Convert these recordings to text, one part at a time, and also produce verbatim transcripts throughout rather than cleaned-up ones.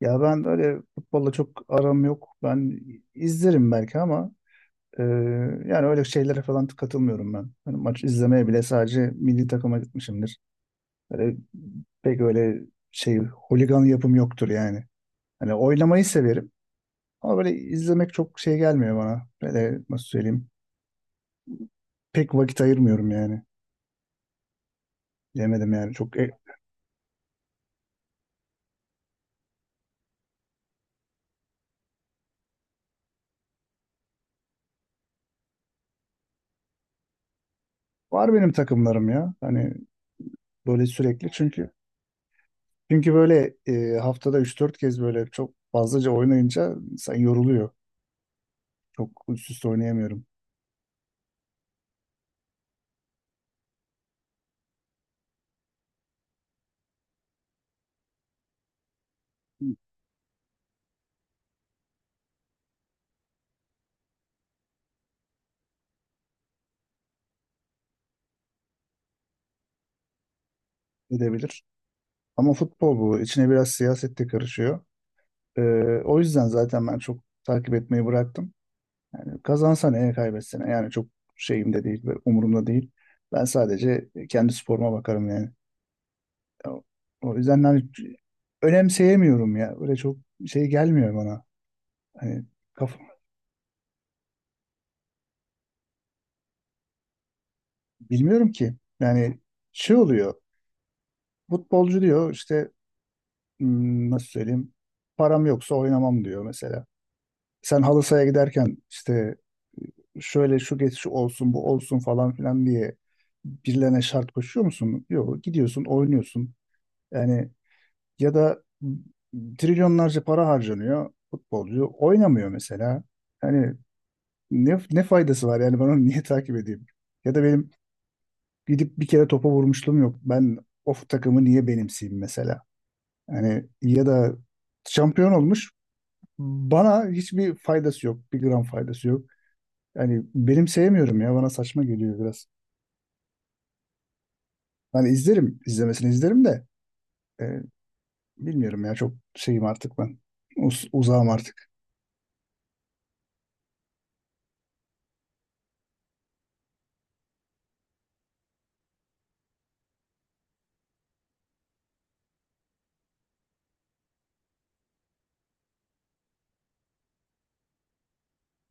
Ya ben öyle futbolla çok aram yok. Ben izlerim belki ama e, yani öyle şeylere falan katılmıyorum ben. Hani maç izlemeye bile sadece milli takıma gitmişimdir. Böyle pek öyle şey holigan yapım yoktur yani. Hani oynamayı severim ama böyle izlemek çok şey gelmiyor bana. Böyle nasıl söyleyeyim? Pek vakit ayırmıyorum yani. Bilemedim yani. Çok e, var benim takımlarım ya. Hani böyle sürekli çünkü Çünkü böyle e, haftada üç dört kez böyle çok fazlaca oynayınca insan yoruluyor. Çok üst üste oynayamıyorum edebilir. Ama futbol bu. İçine biraz siyaset de karışıyor. E, O yüzden zaten ben çok takip etmeyi bıraktım. Yani kazansa ne, kaybetse ne. Yani çok şeyimde değil, böyle umurumda değil. Ben sadece kendi sporuma bakarım yani. O o yüzden hani önemseyemiyorum ya. Böyle çok şey gelmiyor bana. Hani kafa, bilmiyorum ki. Yani şey oluyor. Futbolcu diyor işte hmm, nasıl söyleyeyim param yoksa oynamam diyor mesela. Sen halı sahaya giderken işte şöyle şu geçiş olsun bu olsun falan filan diye birilerine şart koşuyor musun? Yok, gidiyorsun oynuyorsun. Yani ya da trilyonlarca para harcanıyor futbolcu oynamıyor mesela. Hani ne, ne faydası var yani ben onu niye takip edeyim? Ya da benim gidip bir kere topa vurmuşluğum yok. Ben o takımı niye benimseyeyim mesela? Yani ya da şampiyon olmuş. Bana hiçbir faydası yok. Bir gram faydası yok. Yani benim sevmiyorum ya. Bana saçma geliyor biraz. Hani izlerim. İzlemesini izlerim de e, bilmiyorum ya. Çok şeyim artık ben. Uz uzağım artık.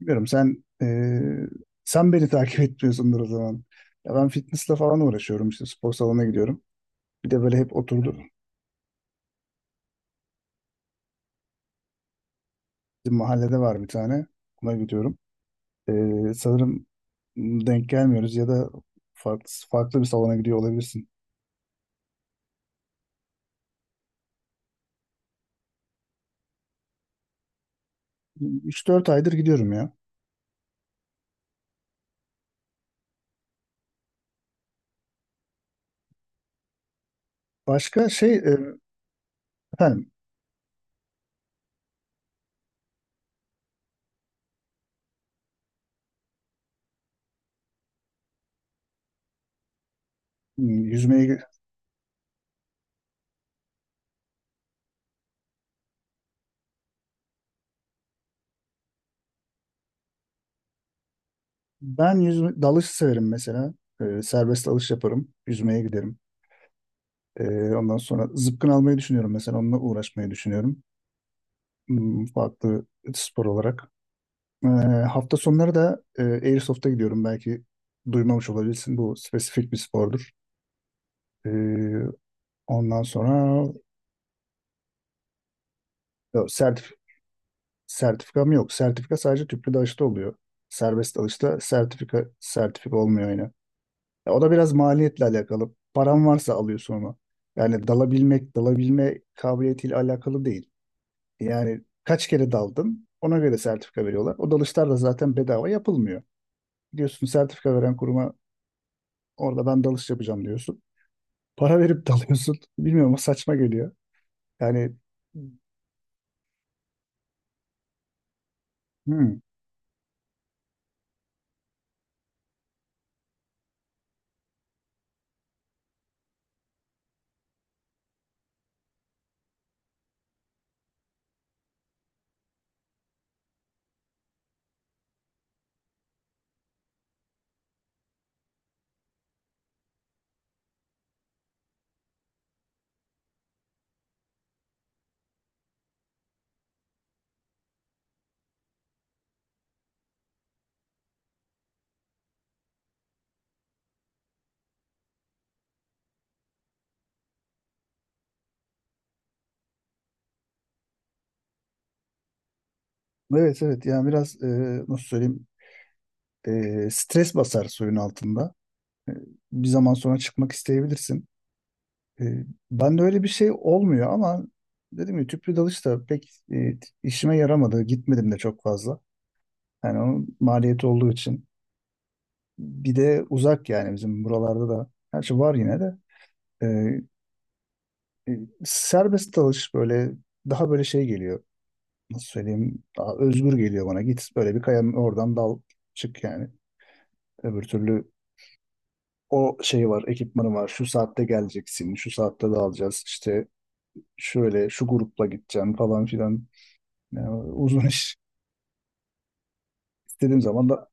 Bilmiyorum sen e, sen beni takip etmiyorsundur o zaman. Ya ben fitnessle falan uğraşıyorum işte spor salonuna gidiyorum. Bir de böyle hep oturdu. Bizim mahallede var bir tane. Ona gidiyorum. Ee, sanırım denk gelmiyoruz ya da farklı, farklı bir salona gidiyor olabilirsin. Üç dört aydır gidiyorum ya. Başka şey e, efendim hmm, yüzmeye ben yüzme dalış severim mesela. Ee, serbest dalış yaparım. Yüzmeye giderim. Ee, ondan sonra zıpkın almayı düşünüyorum mesela. Onunla uğraşmayı düşünüyorum. Hmm, farklı spor olarak. Ee, hafta sonları da e, Airsoft'a gidiyorum. Belki duymamış olabilirsin. Bu spesifik bir spordur. Ee, ondan sonra Sertif Sertifikam yok. Sertifika sadece tüplü dalışta oluyor. Serbest dalışta sertifika sertifika olmuyor yine. E, o da biraz maliyetle alakalı. Param varsa alıyorsun onu. Yani dalabilmek, dalabilme kabiliyetiyle alakalı değil. Yani kaç kere daldın ona göre sertifika veriyorlar. O dalışlar da zaten bedava yapılmıyor. Gidiyorsun sertifika veren kuruma, orada ben dalış yapacağım diyorsun. Para verip dalıyorsun. Bilmiyorum, o saçma geliyor. Yani hmm, evet, evet, yani biraz e, nasıl söyleyeyim e, stres basar suyun altında. E, bir zaman sonra çıkmak isteyebilirsin. E, ben de öyle bir şey olmuyor ama dedim ya tüplü dalış da pek e, işime yaramadı. Gitmedim de çok fazla. Yani onun maliyeti olduğu için. Bir de uzak yani bizim buralarda da. Her şey var yine de. E, e, Serbest dalış böyle daha böyle şey geliyor. Nasıl söyleyeyim? Daha özgür geliyor bana. Git böyle bir kayanın oradan dal çık yani. Öbür türlü o şey var, ekipmanı var. Şu saatte geleceksin, şu saatte dağılacağız. İşte şöyle şu grupla gideceğim falan filan. Yani uzun iş istediğim zaman da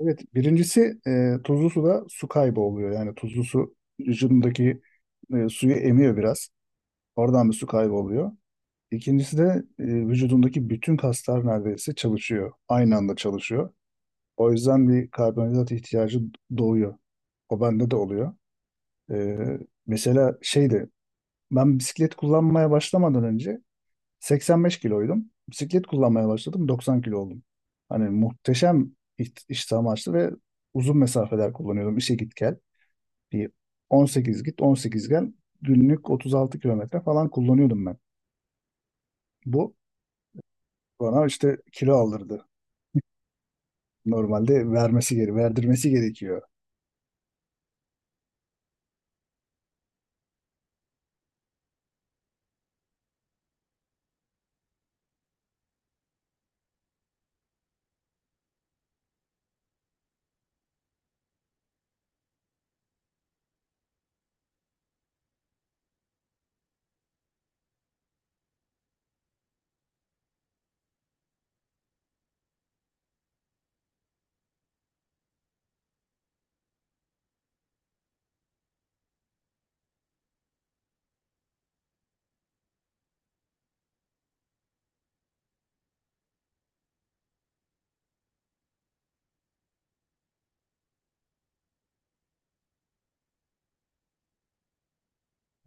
evet birincisi e, tuzlu suda su kaybı oluyor. Yani tuzlu su vücudundaki e, suyu emiyor biraz. Oradan bir su kaybı oluyor. İkincisi de e, vücudundaki bütün kaslar neredeyse çalışıyor. Aynı anda çalışıyor. O yüzden bir karbonhidrat ihtiyacı doğuyor. O bende de oluyor. E, mesela şeydi ben bisiklet kullanmaya başlamadan önce seksen beş kiloydum. Bisiklet kullanmaya başladım. doksan kilo oldum. Hani muhteşem iht- istihdam açtı ve uzun mesafeler kullanıyordum. İşe git gel. Bir on sekiz git on sekiz gel. Günlük otuz altı kilometre falan kullanıyordum ben. Bu bana işte kilo aldırdı. Normalde vermesi geri, verdirmesi gerekiyor.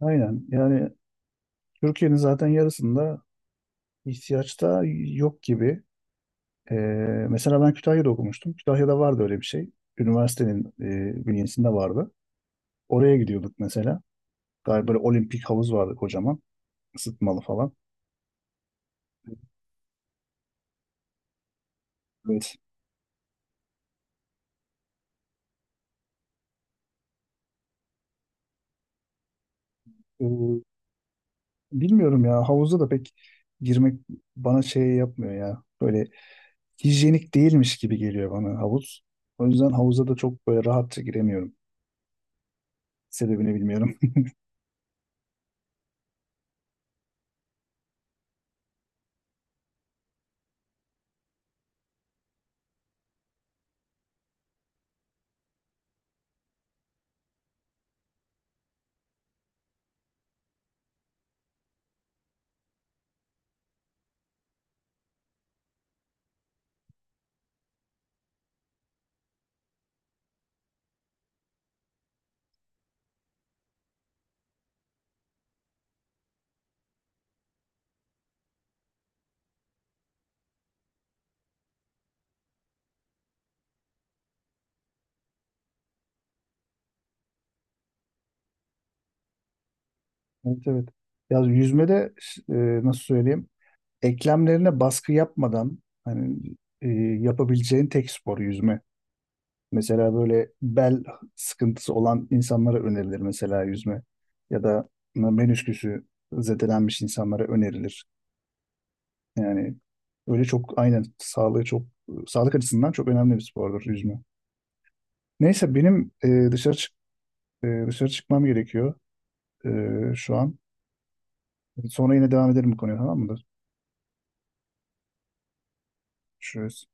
Aynen. Yani Türkiye'nin zaten yarısında ihtiyaçta yok gibi. Ee, mesela ben Kütahya'da okumuştum. Kütahya'da vardı öyle bir şey. Üniversitenin e, bünyesinde vardı. Oraya gidiyorduk mesela. Galiba böyle olimpik havuz vardı kocaman. Isıtmalı falan. Evet. Ee, bilmiyorum ya. Havuza da pek girmek bana şey yapmıyor ya. Böyle hijyenik değilmiş gibi geliyor bana havuz. O yüzden havuza da çok böyle rahatça giremiyorum. Sebebini bilmiyorum. Evet, evet. Ya yüzmede e, nasıl söyleyeyim? Eklemlerine baskı yapmadan hani e, yapabileceğin tek spor yüzme. Mesela böyle bel sıkıntısı olan insanlara önerilir mesela yüzme. Ya da menisküsü zedelenmiş insanlara önerilir. Yani öyle çok aynen sağlığı çok sağlık açısından çok önemli bir spordur yüzme. Neyse benim e, dışarı çık e, dışarı çıkmam gerekiyor e, şu an. Sonra yine devam edelim bu konuya, tamam mıdır? Görüşürüz.